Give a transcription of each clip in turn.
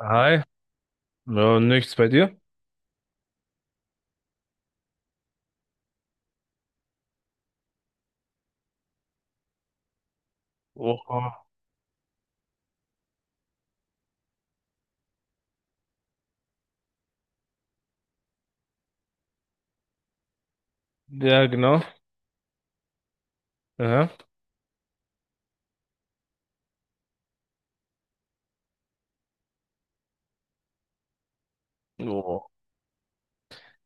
Hi, ja, nichts bei dir? Oha. Ja, genau. Ja. Oh.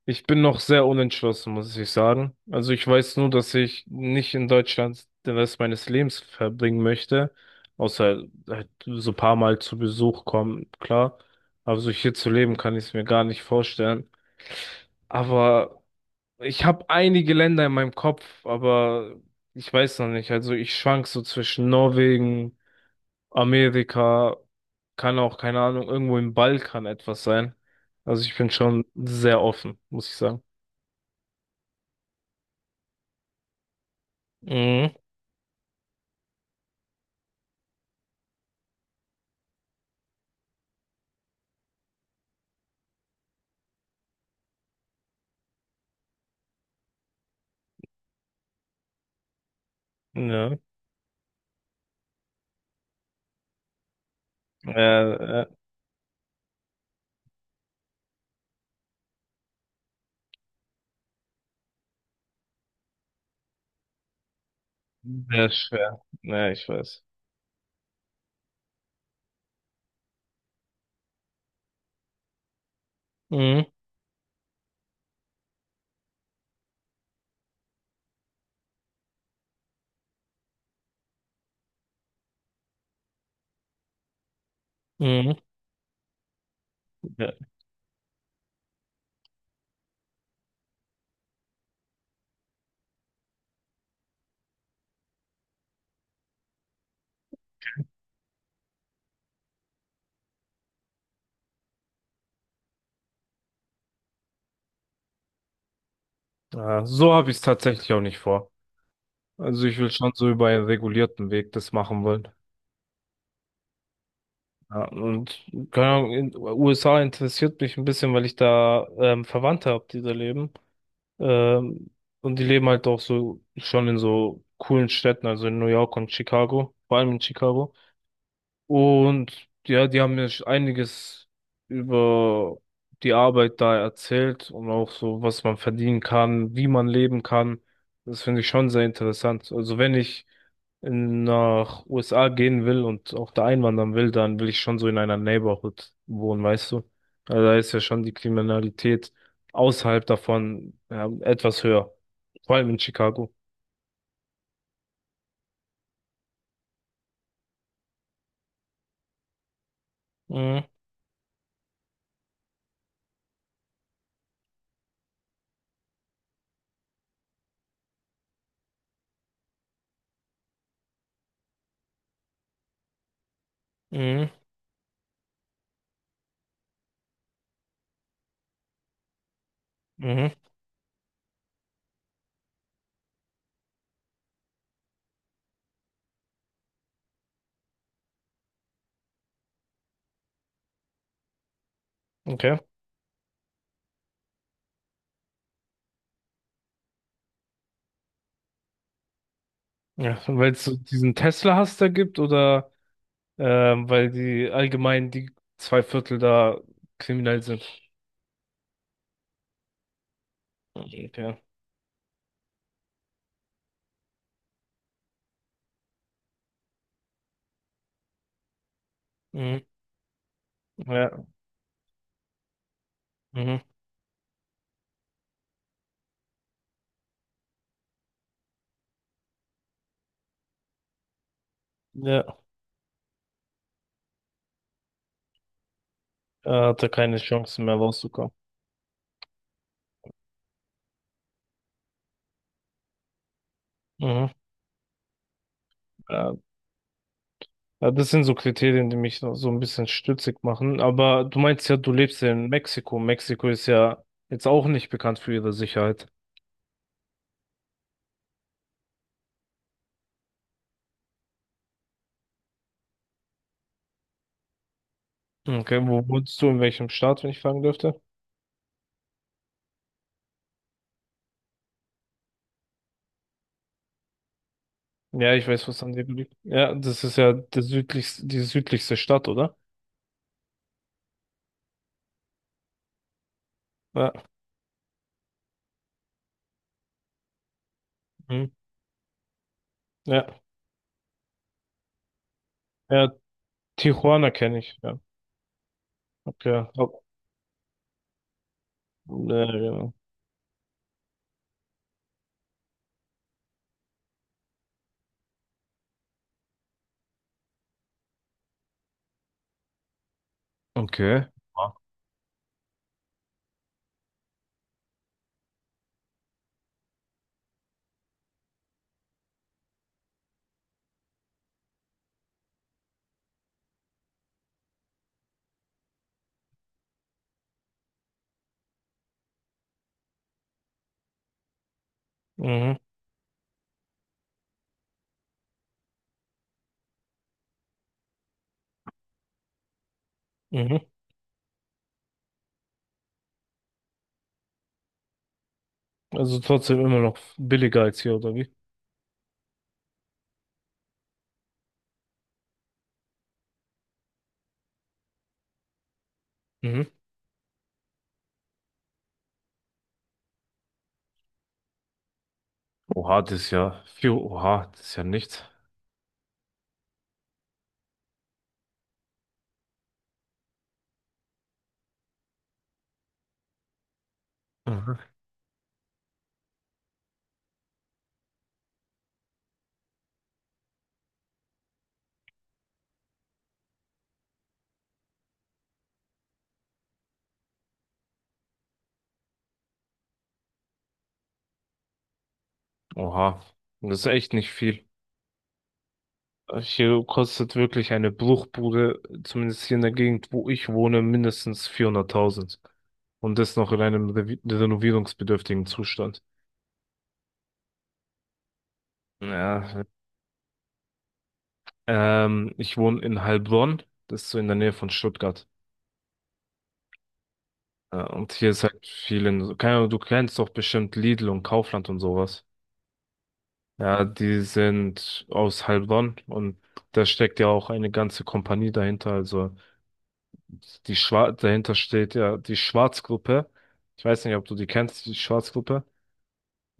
Ich bin noch sehr unentschlossen, muss ich sagen. Also ich weiß nur, dass ich nicht in Deutschland den Rest meines Lebens verbringen möchte, außer halt so ein paar Mal zu Besuch kommen, klar. Aber so hier zu leben, kann ich es mir gar nicht vorstellen. Aber ich habe einige Länder in meinem Kopf, aber ich weiß noch nicht. Also ich schwank so zwischen Norwegen. Amerika, kann auch, keine Ahnung, irgendwo im Balkan etwas sein. Also ich bin schon sehr offen, muss ich sagen. Mhm. Ja, äh, äh, sehr schwer. Ja, ich weiß. Mhm. Mhm. Ja. Ja, so habe ich es tatsächlich auch nicht vor. Also ich will schon so über einen regulierten Weg das machen wollen. Ja, und keine Ahnung, in USA interessiert mich ein bisschen, weil ich da Verwandte habe, die da leben. Ähm, und die leben halt auch so schon in so coolen Städten, also in New York und Chicago, vor allem in Chicago. Und ja, die haben mir einiges über die Arbeit da erzählt und auch so, was man verdienen kann, wie man leben kann. Das finde ich schon sehr interessant. Also wenn ich in, nach USA gehen will und auch da einwandern will, dann will ich schon so in einer Neighborhood wohnen, weißt du? Also da ist ja schon die Kriminalität außerhalb davon, ja, etwas höher, vor allem in Chicago. Mhm, mhm, mhm, okay. Ja, weil es so diesen Tesla-Hass da gibt oder weil die allgemein die zwei Viertel da kriminell sind. Okay. Mhm. Ja, mhm. Ja, er hatte keine Chance mehr rauszukommen. Mhm. Ja, ja, das sind so Kriterien, die mich so ein bisschen stutzig machen. Aber du meinst ja, du lebst ja in Mexiko. Mexiko ist ja jetzt auch nicht bekannt für ihre Sicherheit. Okay, wo wohnst du, in welchem Staat, wenn ich fragen dürfte? Ja, ich weiß, was an dir liegt. Ja, das ist ja der südlichste, die südlichste Stadt, oder? Ja, mhm. Ja, ja, Tijuana kenne ich, ja. Ja, ja, genau. Okay. Ah. Mhm, mhm. Also trotzdem immer noch billiger als hier, oder wie? Mhm. Oha, das ist ja viel. Oha, das ist ja nichts. Mhm. Oha, das ist echt nicht viel. Hier kostet wirklich eine Bruchbude, zumindest hier in der Gegend, wo ich wohne, mindestens 400.000. Und das noch in einem renovierungsbedürftigen Zustand. Ja, ich wohne in Heilbronn, das ist so in der Nähe von Stuttgart. Ja, und hier ist halt vielen, so, keine Ahnung, du kennst doch bestimmt Lidl und Kaufland und sowas. Ja, die sind aus Heilbronn und da steckt ja auch eine ganze Kompanie dahinter. Also die Schwar dahinter steht ja die Schwarzgruppe. Ich weiß nicht, ob du die kennst, die Schwarzgruppe.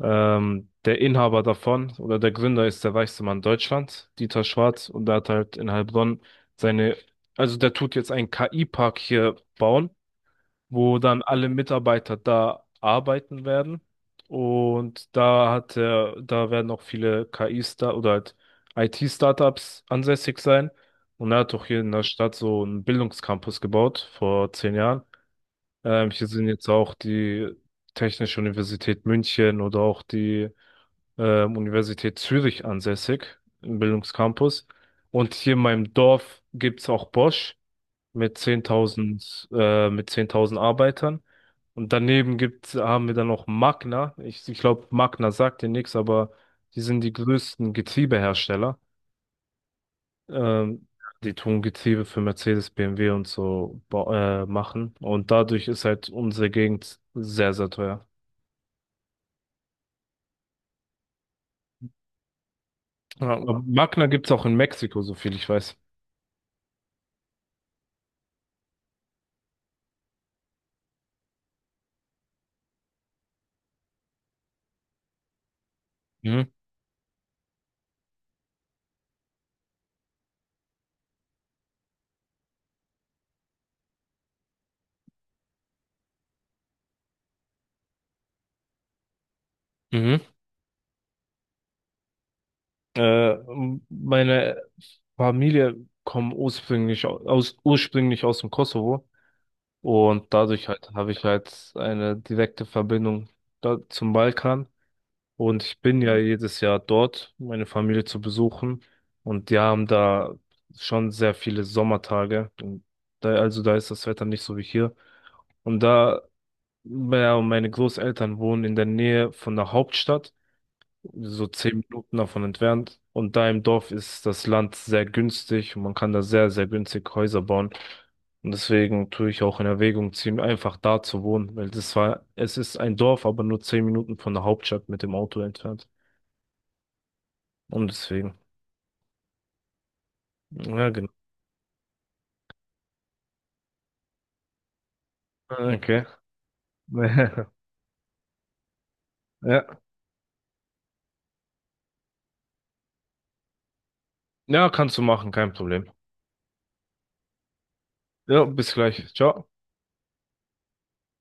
Der Inhaber davon oder der Gründer ist der reichste Mann Deutschlands, Dieter Schwarz, und der hat halt in Heilbronn seine, also der tut jetzt einen KI-Park hier bauen, wo dann alle Mitarbeiter da arbeiten werden. Und da hat er, da werden auch viele KI-Star oder halt IT-Startups ansässig sein. Und er hat auch hier in der Stadt so einen Bildungscampus gebaut vor 10 Jahren. Hier sind jetzt auch die Technische Universität München oder auch die Universität Zürich ansässig im Bildungscampus. Und hier in meinem Dorf gibt's auch Bosch mit 10.000 mit 10.000 Arbeitern. Und daneben gibt's, haben wir dann noch Magna. Ich glaube, Magna sagt dir nichts, aber die sind die größten Getriebehersteller. Ähm, die tun Getriebe für Mercedes, BMW und so machen. Und dadurch ist halt unsere Gegend sehr, sehr teuer. Ja, aber Magna gibt's auch in Mexiko, so viel ich weiß. Mhm. Mhm. Meine Familie kommt ursprünglich aus, ursprünglich aus dem Kosovo. Und dadurch halt habe ich halt eine direkte Verbindung da zum Balkan. Und ich bin ja jedes Jahr dort, meine Familie zu besuchen. Und die haben da schon sehr viele Sommertage. Und da, also da ist das Wetter nicht so wie hier. Und da, ja, und meine Großeltern wohnen in der Nähe von der Hauptstadt so 10 Minuten davon entfernt. Und da im Dorf ist das Land sehr günstig und man kann da sehr, sehr günstig Häuser bauen. Und deswegen tue ich auch in Erwägung ziehen, einfach da zu wohnen, weil das war, es ist ein Dorf, aber nur 10 Minuten von der Hauptstadt mit dem Auto entfernt. Und deswegen, ja, genau. Ah, okay. Ja, ja, kannst du machen, kein Problem. Ja, bis gleich. Ciao.